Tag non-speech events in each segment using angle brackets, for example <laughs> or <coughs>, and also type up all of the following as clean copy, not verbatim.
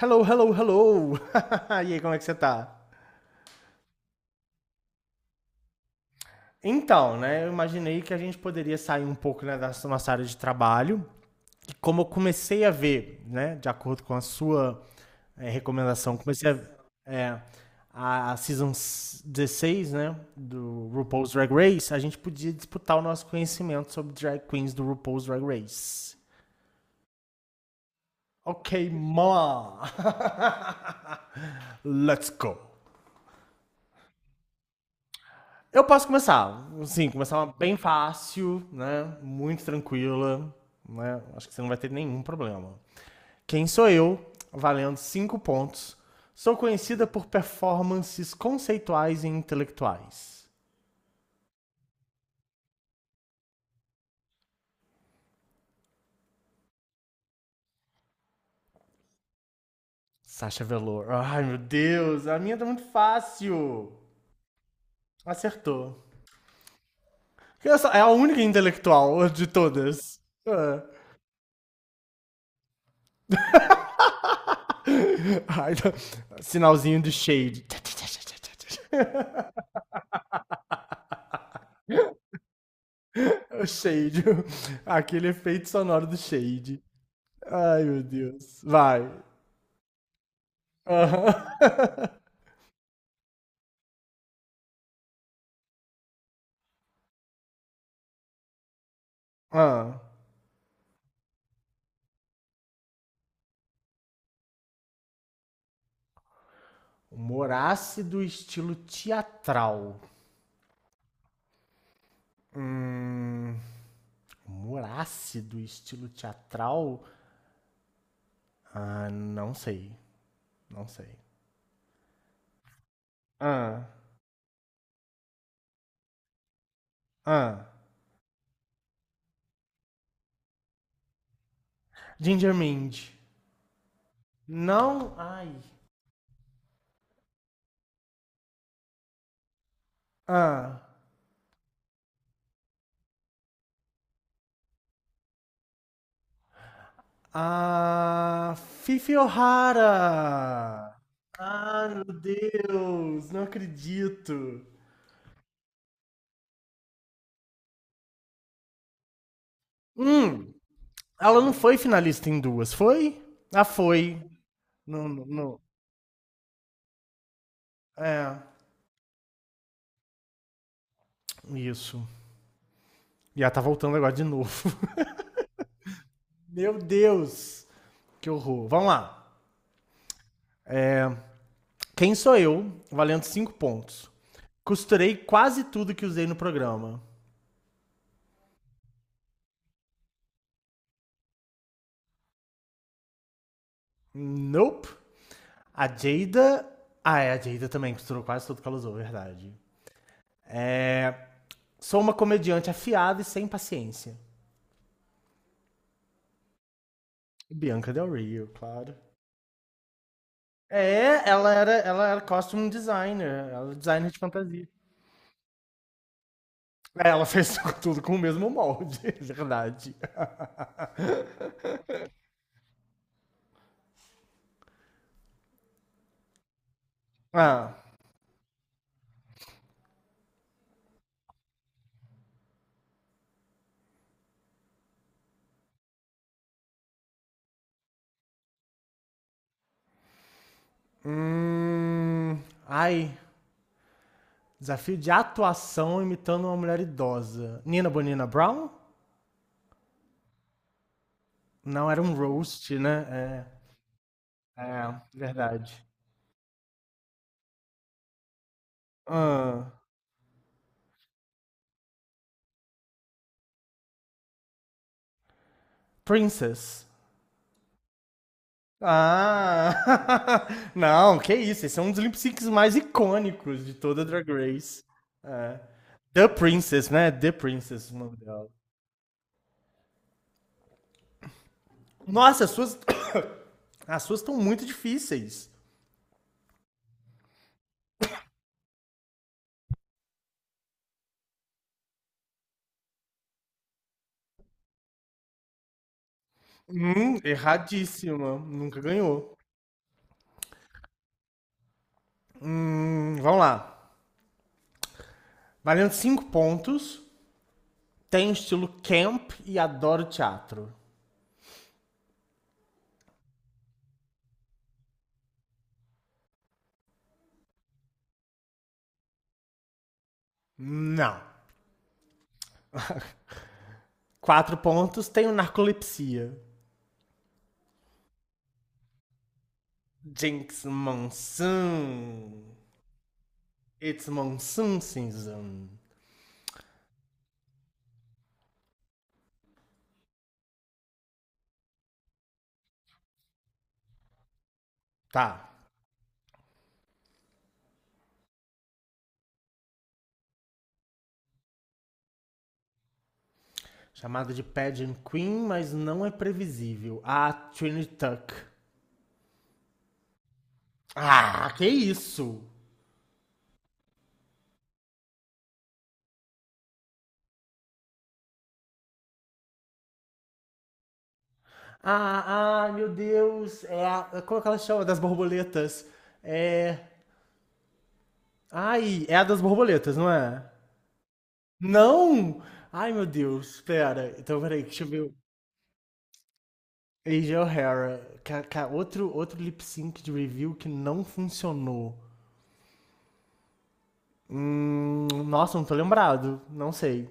Hello, hello, hello! <laughs> E aí, como é que você tá? Então, né, eu imaginei que a gente poderia sair um pouco né, da nossa área de trabalho. E como eu comecei a ver, né, de acordo com a sua recomendação, comecei é, a Season 16, né, do RuPaul's Drag Race, a gente podia disputar o nosso conhecimento sobre drag queens do RuPaul's Drag Race. Ok, ma! <laughs> Let's go! Eu posso começar. Sim, começar bem fácil, né? Muito tranquila. Né? Acho que você não vai ter nenhum problema. Quem sou eu? Valendo 5 pontos. Sou conhecida por performances conceituais e intelectuais. Sasha Velour. Ai, meu Deus, a minha tá muito fácil. Acertou. É a única intelectual de todas. Ah. Ai, tá. Sinalzinho de shade. O Shade. <laughs> Aquele efeito sonoro do Shade. Ai, meu Deus. Vai. Aham. <laughs> Ah. Humor ácido, estilo teatral. Hum. Humor ácido, estilo teatral? Ah, não sei. Não sei. Ah. Ah. Ginger Mind. Não. Ai. Ah. Ah, Fifi O'Hara! Ah, meu Deus, não acredito. Hum, ela não foi finalista em duas, foi? Ah, foi. Não, não, não. É, isso. E ela tá voltando agora de novo. <laughs> Meu Deus, que horror. Vamos lá. Quem sou eu, valendo 5 pontos. Costurei quase tudo que usei no programa. Nope. A Jada... Ah, é, a Jada também costurou quase tudo que ela usou, verdade. É, sou uma comediante afiada e sem paciência. Bianca Del Rio, claro. É, ela era costume designer, ela era designer de fantasia. É, ela <laughs> fez tudo com o mesmo molde, <laughs> verdade. Ah, hum, ai, desafio de atuação imitando uma mulher idosa. Nina Bonina Brown? Não, era um roast, né? É verdade. Ah, princess. Ah! <laughs> Não, que isso, esse é um dos lip syncs mais icônicos de toda Drag Race. É. The Princess, né? The Princess, o nome dela. Nossa, as suas. <coughs> As suas estão muito difíceis. Erradíssima. Nunca ganhou. Vamos lá. Valendo 5 pontos. Tem estilo camp e adoro teatro. Não. 4 pontos. Tem o narcolepsia. Jinx Monsoon. It's Monsoon Season. Tá. Chamada de Pageant Queen, mas não é previsível. A Trinity Tuck. Ah, que isso! Ah, ah, meu Deus! É a. Como é que ela chama? Das borboletas. É. Ai, é a das borboletas, não é? Não! Ai, meu Deus, pera. Então, peraí, deixa eu ver. AJ O'Hara. Outro lip sync de review que não funcionou. Nossa, não tô lembrado. Não sei.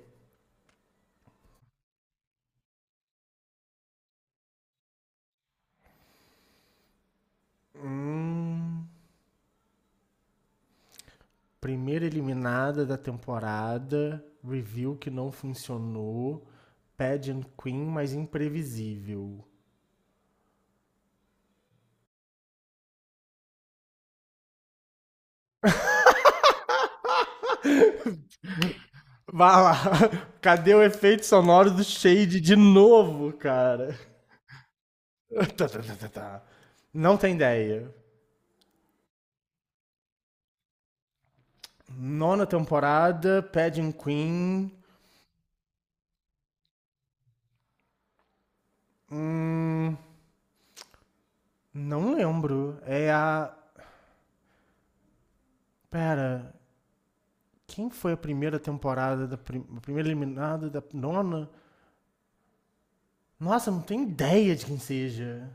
Hum, primeira eliminada da temporada, review que não funcionou, Pageant Queen, mas imprevisível. Vá lá, <laughs> cadê o efeito sonoro do Shade de novo, cara? <laughs> Tá, tá, tá, tá, tá. Não tem ideia. Nona temporada, Pageant Queen. Hum, não lembro. É a. Pera, quem foi a primeira temporada a primeira eliminada da nona? Nossa, eu não tenho ideia de quem seja.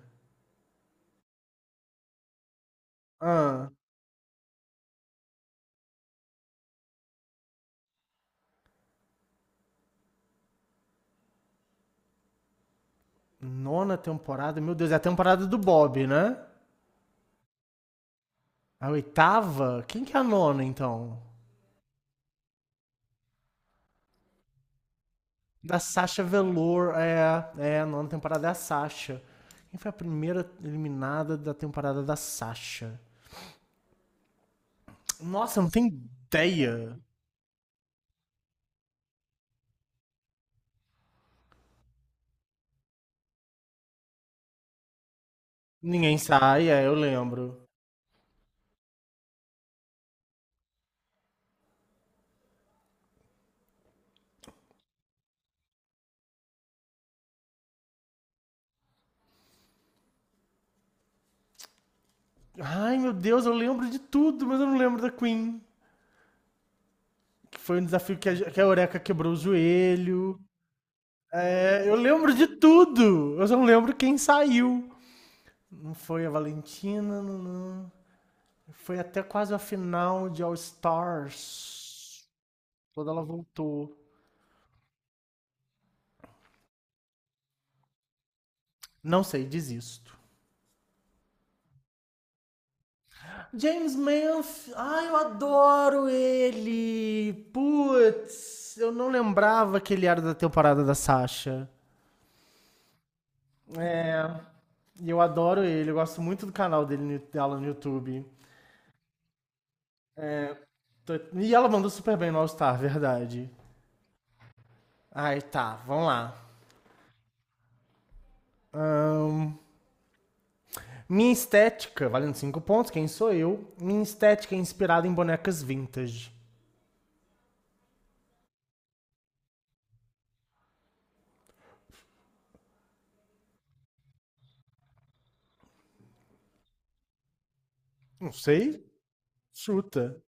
Ah, nona temporada? Meu Deus, é a temporada do Bob, né? A oitava? Quem que é a nona, então? Da Sasha Velour. É, é a nona temporada é a Sasha. Quem foi a primeira eliminada da temporada da Sasha? Nossa, eu não tenho ideia. Ninguém sai, é, eu lembro. Ai, meu Deus, eu lembro de tudo, mas eu não lembro da Queen. Que foi um desafio que a Eureka quebrou o joelho. É, eu lembro de tudo. Eu só não lembro quem saiu. Não foi a Valentina, não, não. Foi até quase a final de All Stars. Quando ela voltou. Não sei, desisto. James Manf, ai, eu adoro ele. Putz, eu não lembrava que ele era da temporada da Sasha. É, e eu adoro ele, eu gosto muito do canal dele, dela no YouTube. É, tô- e ela mandou super bem no All Star, verdade. Ai, tá, vamos lá. Ahn, minha estética, valendo 5 pontos, quem sou eu? Minha estética é inspirada em bonecas vintage. Não sei? Chuta.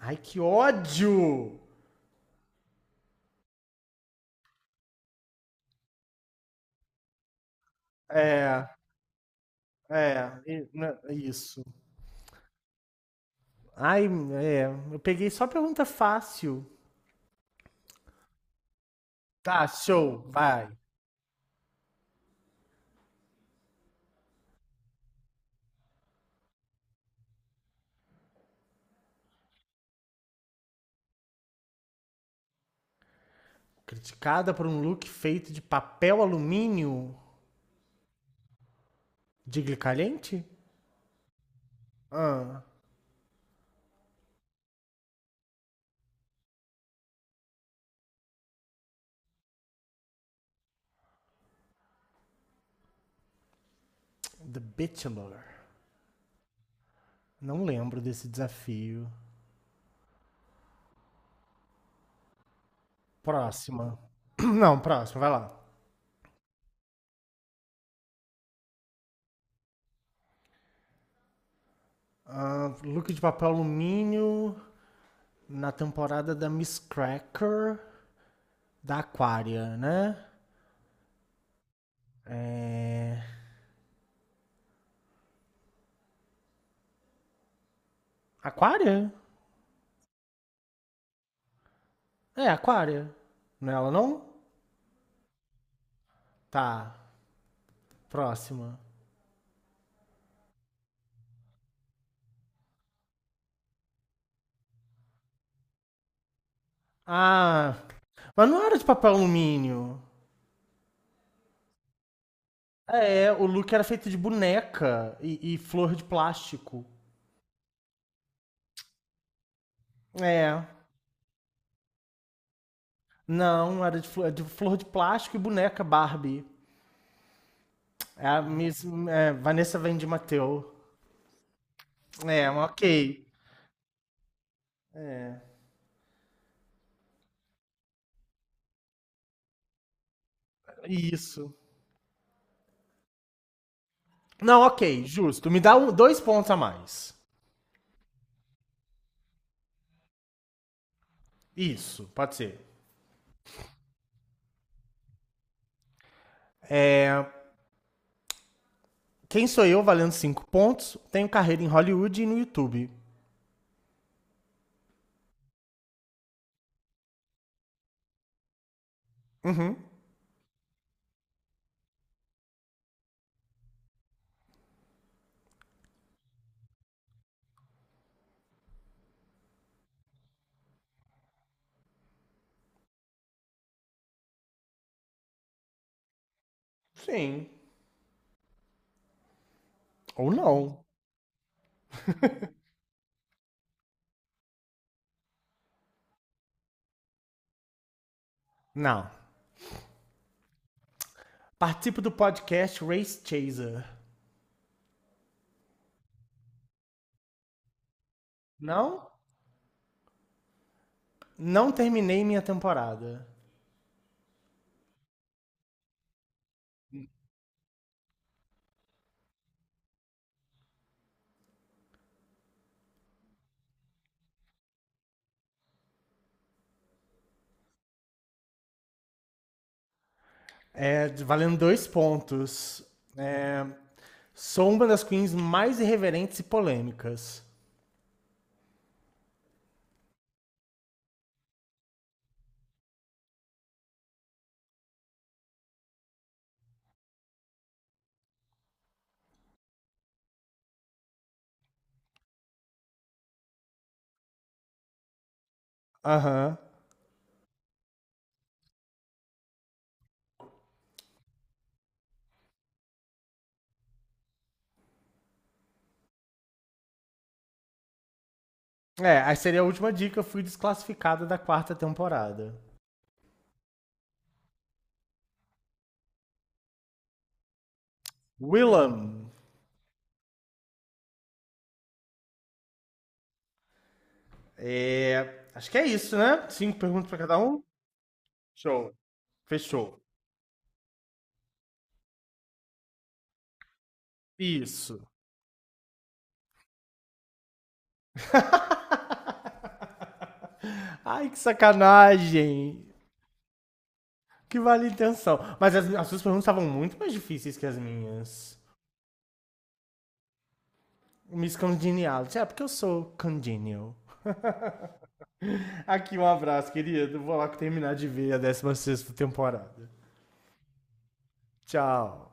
Ai, que ódio! É, é, né, é isso. Ai, é, eu peguei só pergunta fácil. Tá, show, vai. Criticada por um look feito de papel alumínio de glicalhente? Ah, The Bachelor. Não lembro desse desafio. Próxima. <clears throat> Não, próxima, vai lá. Ah, look de papel alumínio na temporada da Miss Cracker da Aquária, né? É... Aquária? É, Aquária. Não é ela, não? Tá, próxima. Ah, mas não era de papel alumínio. É, o look era feito de boneca e flor de plástico. É, não, era de flor de plástico e boneca Barbie. É a Miss é, Vanessa Vende Mateu. É, um ok. Isso. Não, ok, justo. Me dá dois pontos a mais. Isso, pode ser. É, quem sou eu valendo cinco pontos? Tenho carreira em Hollywood e no YouTube. Uhum. Sim. Ou não. Não. Participo do podcast Race Chaser. Não? Não terminei minha temporada. É, valendo dois pontos. É, sou uma das queens mais irreverentes e polêmicas. Aham. É, aí seria a última dica. Eu fui desclassificada da quarta temporada. Willam. É, acho que é isso, né? Cinco perguntas pra cada um? Show. Fechou. Isso. <laughs> Ai, que sacanagem. Que vale a intenção. Mas as suas perguntas estavam muito mais difíceis que as minhas. Miss Congeniality. É, porque eu sou congenial. Aqui um abraço, querido. Vou lá terminar de ver a 16ª temporada. Tchau.